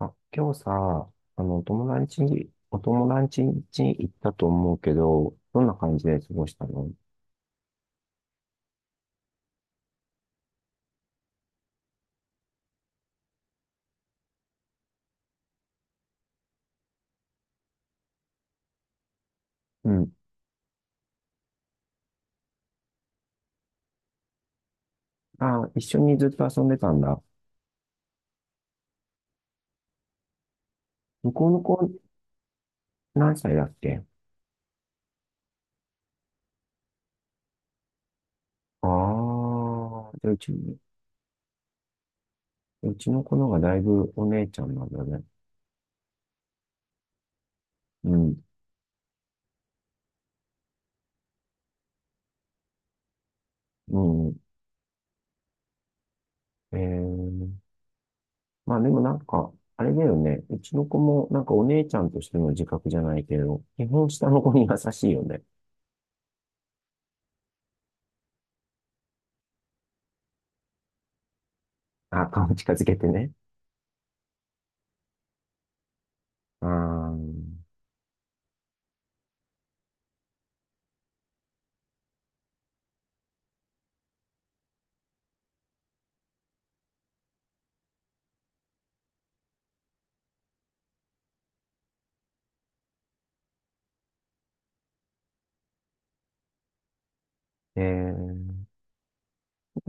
あ、今日さ、お友達に、行ったと思うけど、どんな感じで過ごしたの？うん。あ、一緒にずっと遊んでたんだ。向こうの子、何歳だっけ？ああー、でうち、うちの子の方がだいぶお姉ちゃんなんだね。うん、うん。えー、まあでもなんか、あれだよね。うちの子もなんかお姉ちゃんとしての自覚じゃないけど、基本下の子に優しいよね。あ、顔近づけてね。ああ、えー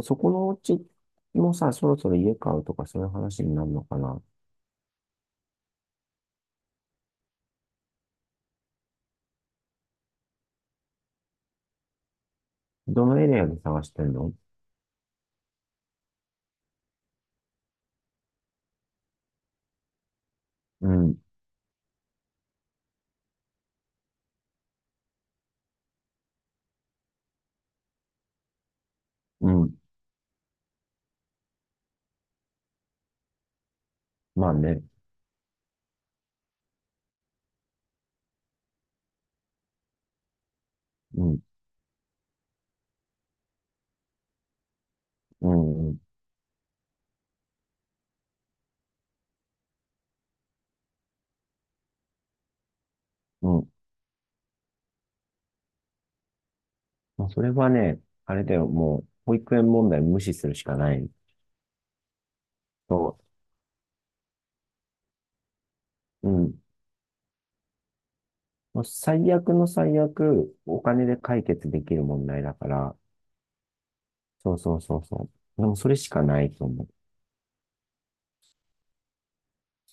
そこのお家もさ、そろそろ家買うとかそういう話になるのかな。どのエリアで探してんの？うん、うん。まあね。うん、うん、うん。うん。まあ、それはね、あれだよ、もう、保育園問題無視するしかない。そう。うん。もう最悪の最悪、お金で解決できる問題だから、そうそうそうそう。でもそれしかないと思う。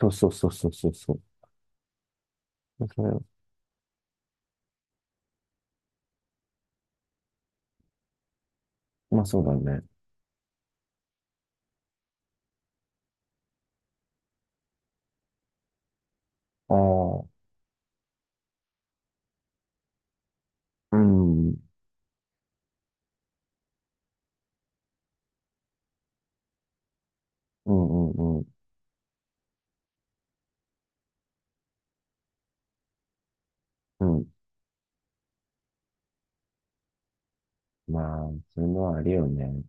そうそうそうそうそうそう。それまあそうだね。ああ、うん、うん、うん、うん。うん。まあ、そういうのはあるよね。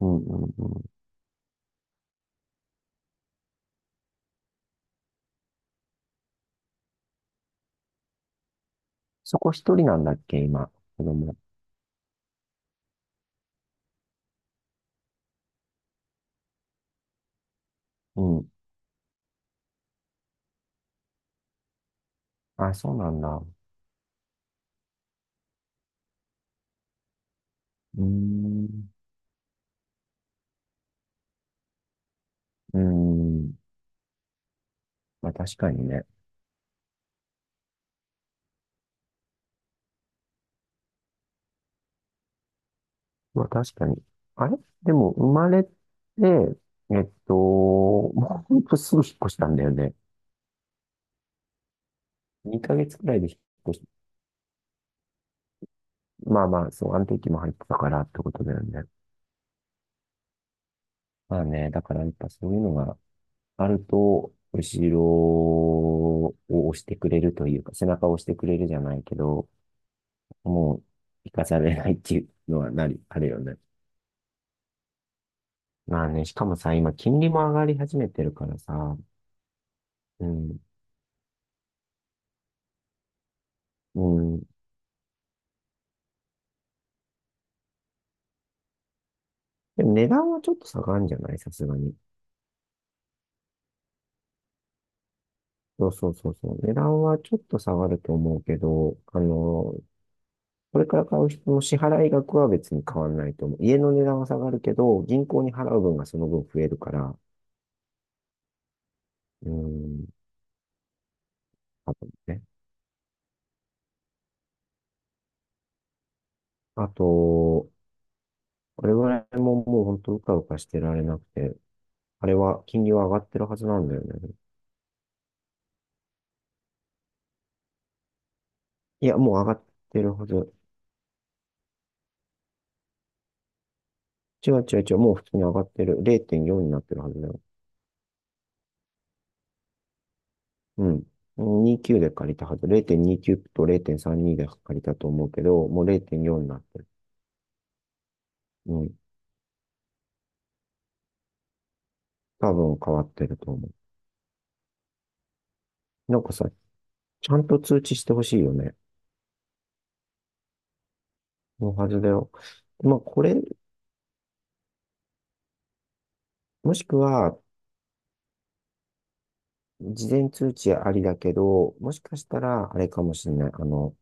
うんうんうん。そこ一人なんだっけ、今、子供？うん。あ、そうなんだ。うーん。うーん。まあ確かにね。まあ確かに。あれでも生まれて、もうほんとすぐ引っ越したんだよね。2ヶ月くらいで引っ越し、まあまあ、そう、安定期も入ってたからってことだよね。まあね、だからやっぱそういうのがあると、後ろを押してくれるというか、背中を押してくれるじゃないけど、もう、生かされないっていうのはなり、あるよね。まあね、しかもさ、今、金利も上がり始めてるからさ、うん、うん。でも値段はちょっと下がるんじゃないさすがに。そうそうそうそう。値段はちょっと下がると思うけど、あの、これから買う人の支払い額は別に変わらないと思う。家の値段は下がるけど、銀行に払う分がその分増えるから、うん、多分ね。あと、我々ももう本当うかうかしてられなくて、あれは金利は上がってるはずなんだよね。いや、もう上がってるはず。違う違う違う、もう普通に上がってる。0.4になってるはずだよ。うん。29で借りたはず。0.29と0.32で借りたと思うけど、もう0.4になってる。うん。多分変わってると思う。なんかさ、ちゃんと通知してほしいよね。のはずだよ。まあ、これ、もしくは、事前通知ありだけど、もしかしたら、あれかもしれない。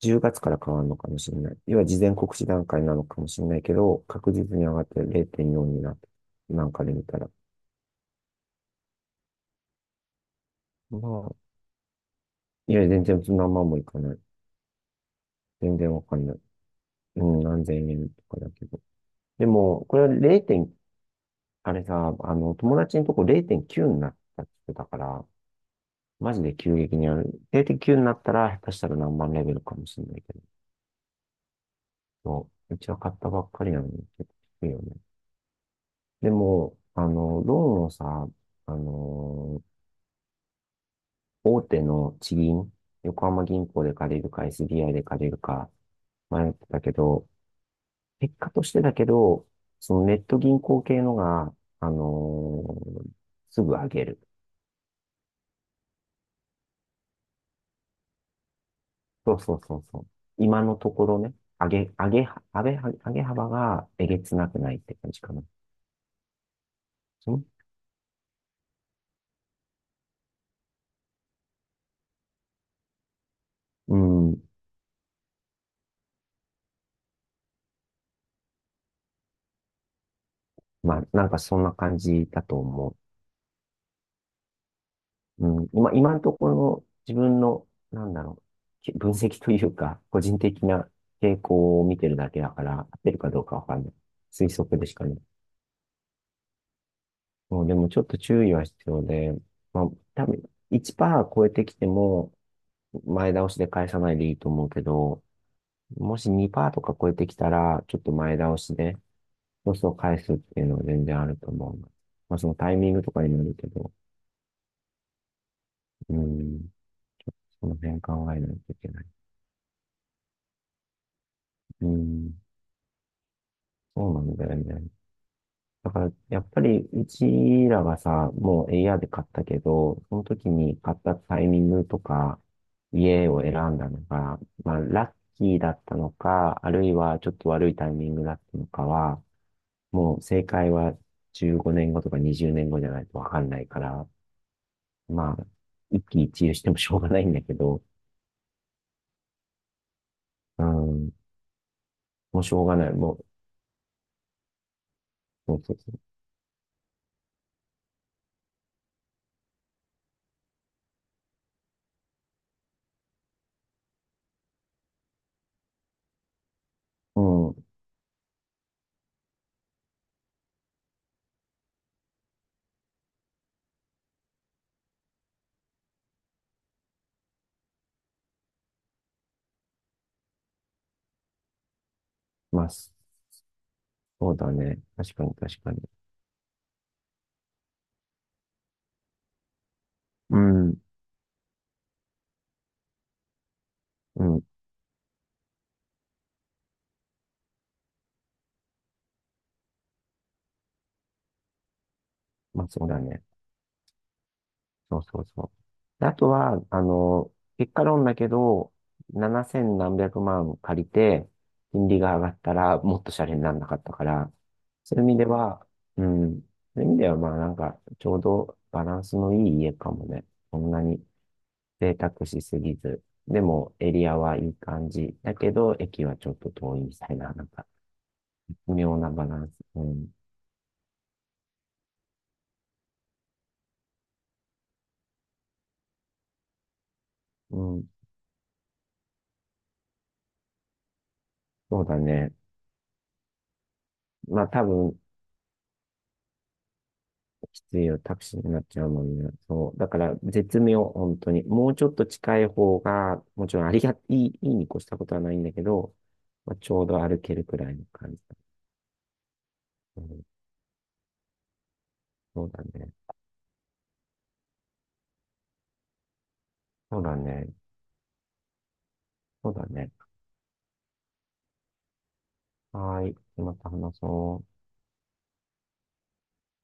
10月から変わるのかもしれない。要は事前告知段階なのかもしれないけど、確実に上がって0.4になって、なんかで見たら。まあ、いや、全然そんなまんもいかない。全然わかんない。うん、何千円とかだけど。でも、これは 0. あれさ、友達のとこ0.9になったって言ってたから、マジで急激にある。0.9になったら、下手したら何万レベルかもしれないけど。そううちは買ったばっかりなのに、結構低いよね。でも、ローンをさ、あの大手の地銀、横浜銀行で借りるか SBI で借りるか迷ってたけど、結果としてだけど、そのネット銀行系のが、あのーすぐ上げる。そうそうそうそう。今のところね、上げ、上げ、上げ、上げ幅がえげつなくないって感じかな。そのうん。まあ、なんかそんな感じだと思う。うん、今のところ自分の、なんだろう、分析というか、個人的な傾向を見てるだけだから、合ってるかどうかわかんない。推測でしかない。もうでもちょっと注意は必要で、まあ、多分1%超えてきても、前倒しで返さないでいいと思うけど、もし2%とか超えてきたら、ちょっと前倒しで、そうそう返すっていうのは全然あると思う。まあ、そのタイミングとかにもよるけど、うん、その辺考えないといけない。うん。そうなんだよね。だから、やっぱり、うちらがさ、もうエイアールで買ったけど、その時に買ったタイミングとか、家を選んだのが、まあ、ラッキーだったのか、あるいはちょっと悪いタイミングだったのかは、もう正解は15年後とか20年後じゃないとわかんないから、まあ、一喜一憂してもしょうがないんだけど、うん、もうしょうがない、もう、そうそうそう。うん、まあ、そうだね。確かに確かに。うん、うん。まあそうだね。そうそうそう。あとは、あの、結果論だけど、7千何百万借りて、金利が上がったらもっとシャレにならなかったから、そういう意味では、うん、そういう意味ではまあなんか、ちょうどバランスのいい家かもね。そんなに贅沢しすぎず。でも、エリアはいい感じ。だけど、駅はちょっと遠いみたいな、なんか、微妙なバランス。うん。うん。そうだね。まあ、多分、きついよ、タクシーになっちゃうもんね。そう。だから、絶妙、本当に。もうちょっと近い方が、もちろんありが、いいに越したことはないんだけど、まあ、ちょうど歩けるくらいの感じだ。うん、そうだね。そうだね。そうだね。はーい。また話そう。